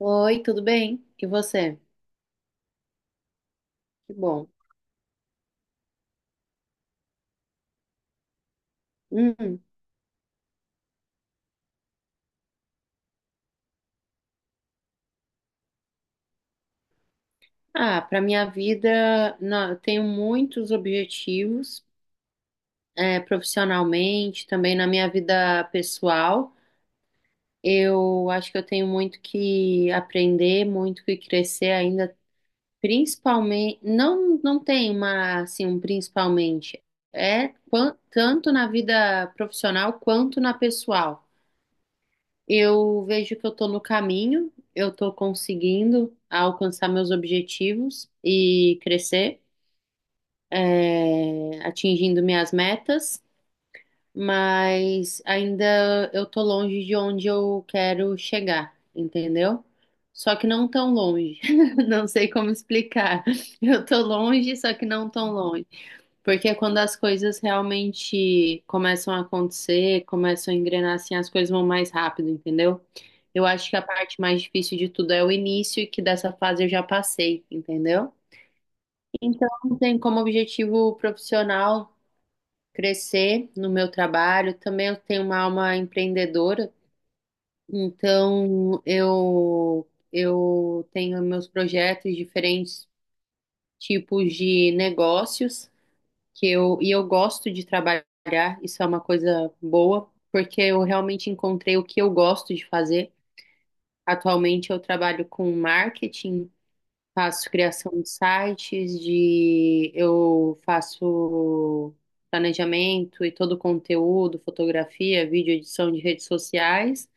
Oi, tudo bem? E você? Que bom. Hum. Ah, para minha vida, não, eu tenho muitos objetivos, profissionalmente, também na minha vida pessoal. Eu acho que eu tenho muito que aprender, muito que crescer ainda, principalmente, não, não tem uma, assim, um principalmente, tanto na vida profissional quanto na pessoal. Eu vejo que eu estou no caminho, eu estou conseguindo alcançar meus objetivos e crescer, atingindo minhas metas, mas ainda eu estou longe de onde eu quero chegar, entendeu? Só que não tão longe. Não sei como explicar. Eu estou longe, só que não tão longe. Porque é quando as coisas realmente começam a acontecer, começam a engrenar assim, as coisas vão mais rápido, entendeu? Eu acho que a parte mais difícil de tudo é o início e que dessa fase eu já passei, entendeu? Então, tem como objetivo profissional crescer no meu trabalho. Também eu tenho uma alma empreendedora, então eu tenho meus projetos diferentes tipos de negócios. Que eu gosto de trabalhar, isso é uma coisa boa, porque eu realmente encontrei o que eu gosto de fazer. Atualmente eu trabalho com marketing, faço criação de sites, de eu faço planejamento e todo o conteúdo, fotografia, vídeo, edição de redes sociais.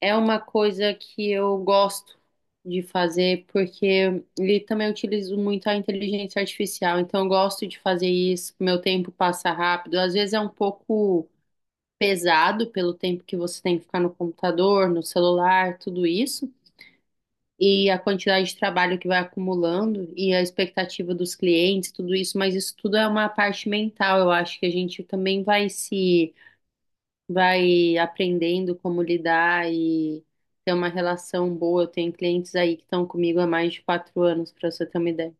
É uma coisa que eu gosto de fazer, porque ele também utilizo muito a inteligência artificial, então eu gosto de fazer isso, meu tempo passa rápido. Às vezes é um pouco pesado pelo tempo que você tem que ficar no computador, no celular, tudo isso, e a quantidade de trabalho que vai acumulando e a expectativa dos clientes, tudo isso, mas isso tudo é uma parte mental, eu acho que a gente também vai se vai aprendendo como lidar e ter uma relação boa. Eu tenho clientes aí que estão comigo há mais de 4 anos, para você ter uma ideia.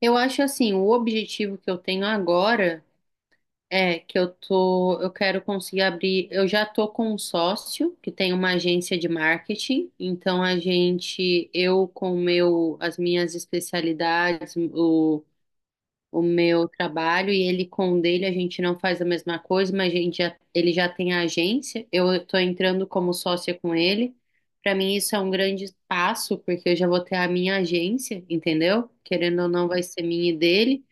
Eu acho assim, o objetivo que eu tenho agora é que eu tô, eu quero conseguir abrir, eu já tô com um sócio que tem uma agência de marketing, então a gente, eu com o meu, as minhas especialidades, o meu trabalho e ele com o dele, a gente não faz a mesma coisa, mas a gente já, ele já tem a agência, eu estou entrando como sócia com ele. Para mim isso é um grande passo, porque eu já vou ter a minha agência, entendeu? Querendo ou não, vai ser minha e dele.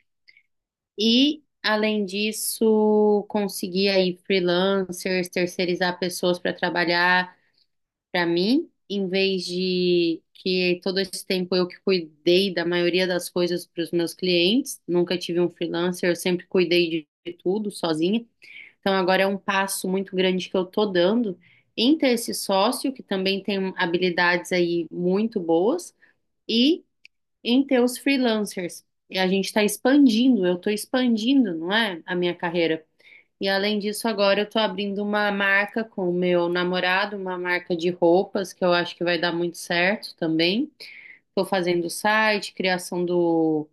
E além disso, conseguir aí freelancers, terceirizar pessoas para trabalhar para mim, em vez de que todo esse tempo eu que cuidei da maioria das coisas para os meus clientes, nunca tive um freelancer, eu sempre cuidei de tudo sozinha. Então agora é um passo muito grande que eu tô dando em ter esse sócio que também tem habilidades aí muito boas e em ter os freelancers. E a gente está expandindo, eu estou expandindo, não é, a minha carreira. E além disso, agora eu tô abrindo uma marca com o meu namorado, uma marca de roupas que eu acho que vai dar muito certo também. Tô fazendo o site, criação do,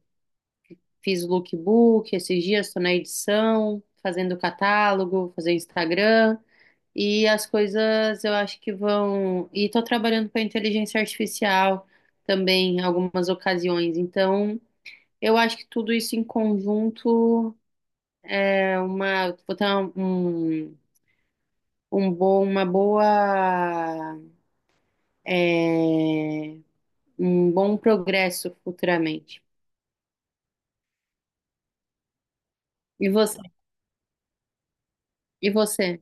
fiz o lookbook, esses dias tô na edição, fazendo o catálogo, fazendo Instagram. E as coisas eu acho que vão. E tô trabalhando com a inteligência artificial também em algumas ocasiões. Então, eu acho que tudo isso em conjunto é uma. Vou ter um um bom, uma boa, é, um bom progresso futuramente. E você? E você?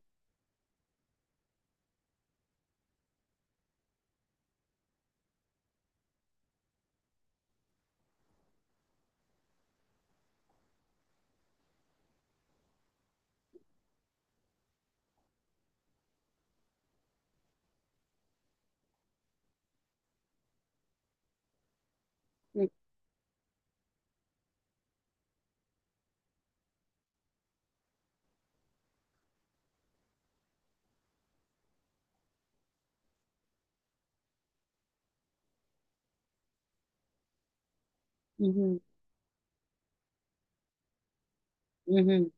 Uhum, uhum.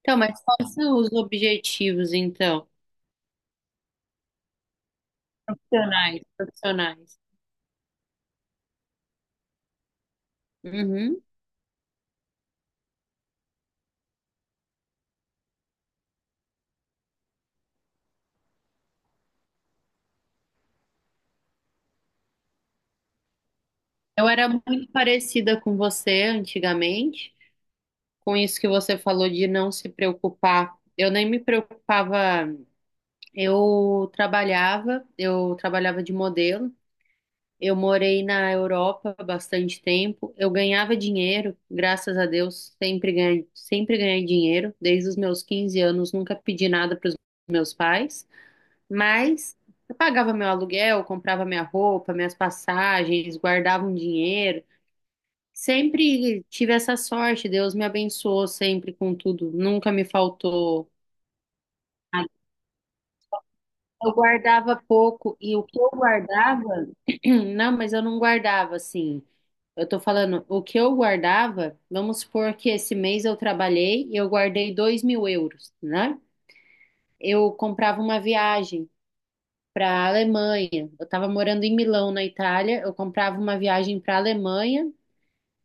Então, mas quais são os objetivos, então? Profissionais, profissionais. Uhum. Eu era muito parecida com você antigamente, com isso que você falou de não se preocupar. Eu nem me preocupava, eu trabalhava de modelo. Eu morei na Europa bastante tempo. Eu ganhava dinheiro, graças a Deus, sempre ganhei dinheiro. Desde os meus 15 anos, nunca pedi nada para os meus pais, mas eu pagava meu aluguel, comprava minha roupa, minhas passagens, guardava um dinheiro. Sempre tive essa sorte. Deus me abençoou sempre com tudo. Nunca me faltou nada. Eu guardava pouco e o que eu guardava, não, mas eu não guardava assim. Eu tô falando, o que eu guardava, vamos supor que esse mês eu trabalhei e eu guardei 2.000 euros, né? Eu comprava uma viagem para a Alemanha. Eu estava morando em Milão, na Itália. Eu comprava uma viagem para a Alemanha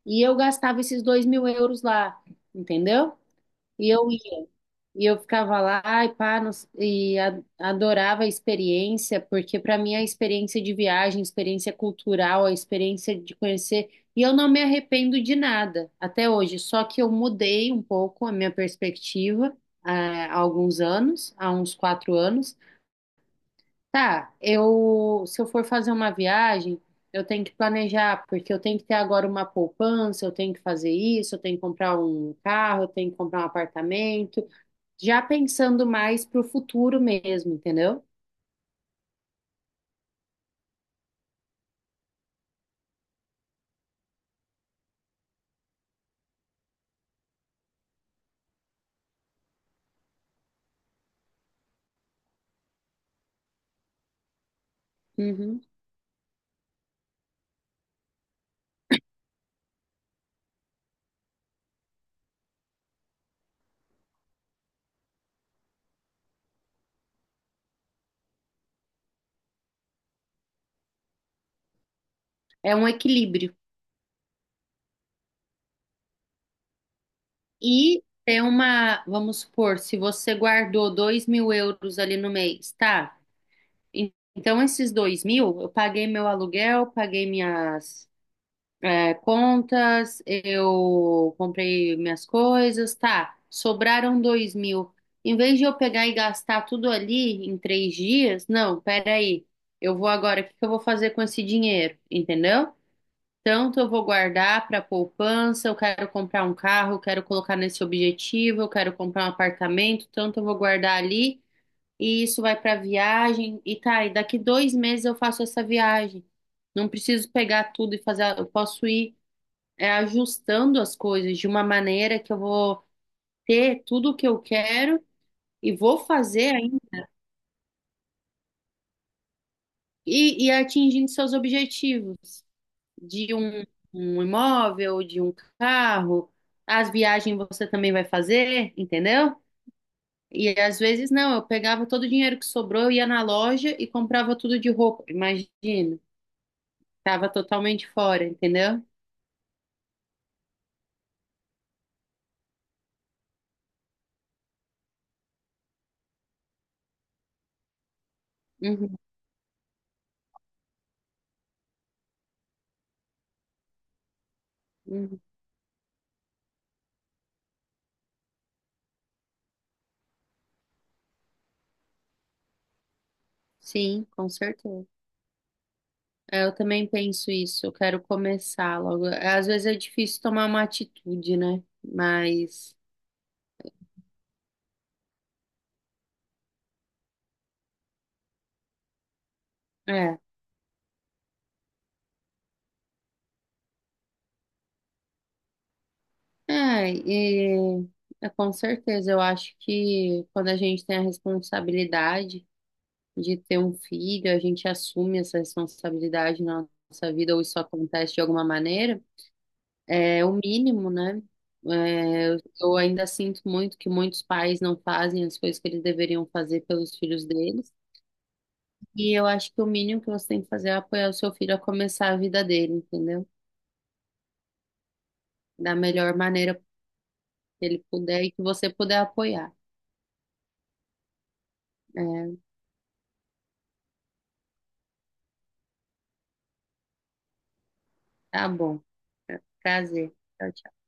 e eu gastava esses 2.000 euros lá, entendeu? E eu e eu ficava lá e pá, não s- e a- adorava a experiência, porque para mim a experiência de viagem, a experiência cultural, a experiência de conhecer, e eu não me arrependo de nada até hoje, só que eu mudei um pouco a minha perspectiva há alguns anos, há uns 4 anos. Tá, eu se eu for fazer uma viagem, eu tenho que planejar, porque eu tenho que ter agora uma poupança, eu tenho que fazer isso, eu tenho que comprar um carro, eu tenho que comprar um apartamento, já pensando mais para o futuro mesmo, entendeu? Uhum. É um equilíbrio. E tem uma, vamos supor, se você guardou 2.000 euros ali no mês, tá? Então, esses 2.000, eu paguei meu aluguel, paguei minhas contas, eu comprei minhas coisas, tá? Sobraram 2.000. Em vez de eu pegar e gastar tudo ali em 3 dias, não, peraí. Eu vou agora, o que que eu vou fazer com esse dinheiro? Entendeu? Tanto eu vou guardar para poupança, eu quero comprar um carro, eu quero colocar nesse objetivo, eu quero comprar um apartamento, tanto eu vou guardar ali e isso vai para viagem e tá, e daqui 2 meses eu faço essa viagem. Não preciso pegar tudo e fazer, eu posso ir ajustando as coisas de uma maneira que eu vou ter tudo o que eu quero e vou fazer ainda e atingindo seus objetivos. De um, um imóvel, de um carro. As viagens você também vai fazer, entendeu? E às vezes não, eu pegava todo o dinheiro que sobrou, eu ia na loja e comprava tudo de roupa. Imagina, tava totalmente fora, entendeu? Uhum, uhum. Sim, com certeza. É, eu também penso isso, eu quero começar logo. Às vezes é difícil tomar uma atitude, né? Mas é. É, com certeza, eu acho que quando a gente tem a responsabilidade de ter um filho, a gente assume essa responsabilidade na nossa vida, ou isso acontece de alguma maneira, é o mínimo, né? É, eu ainda sinto muito que muitos pais não fazem as coisas que eles deveriam fazer pelos filhos deles, e eu acho que o mínimo que você tem que fazer é apoiar o seu filho a começar a vida dele, entendeu? Da melhor maneira que ele puder e que você puder apoiar. É, tá bom. Prazer. Tchau, tchau.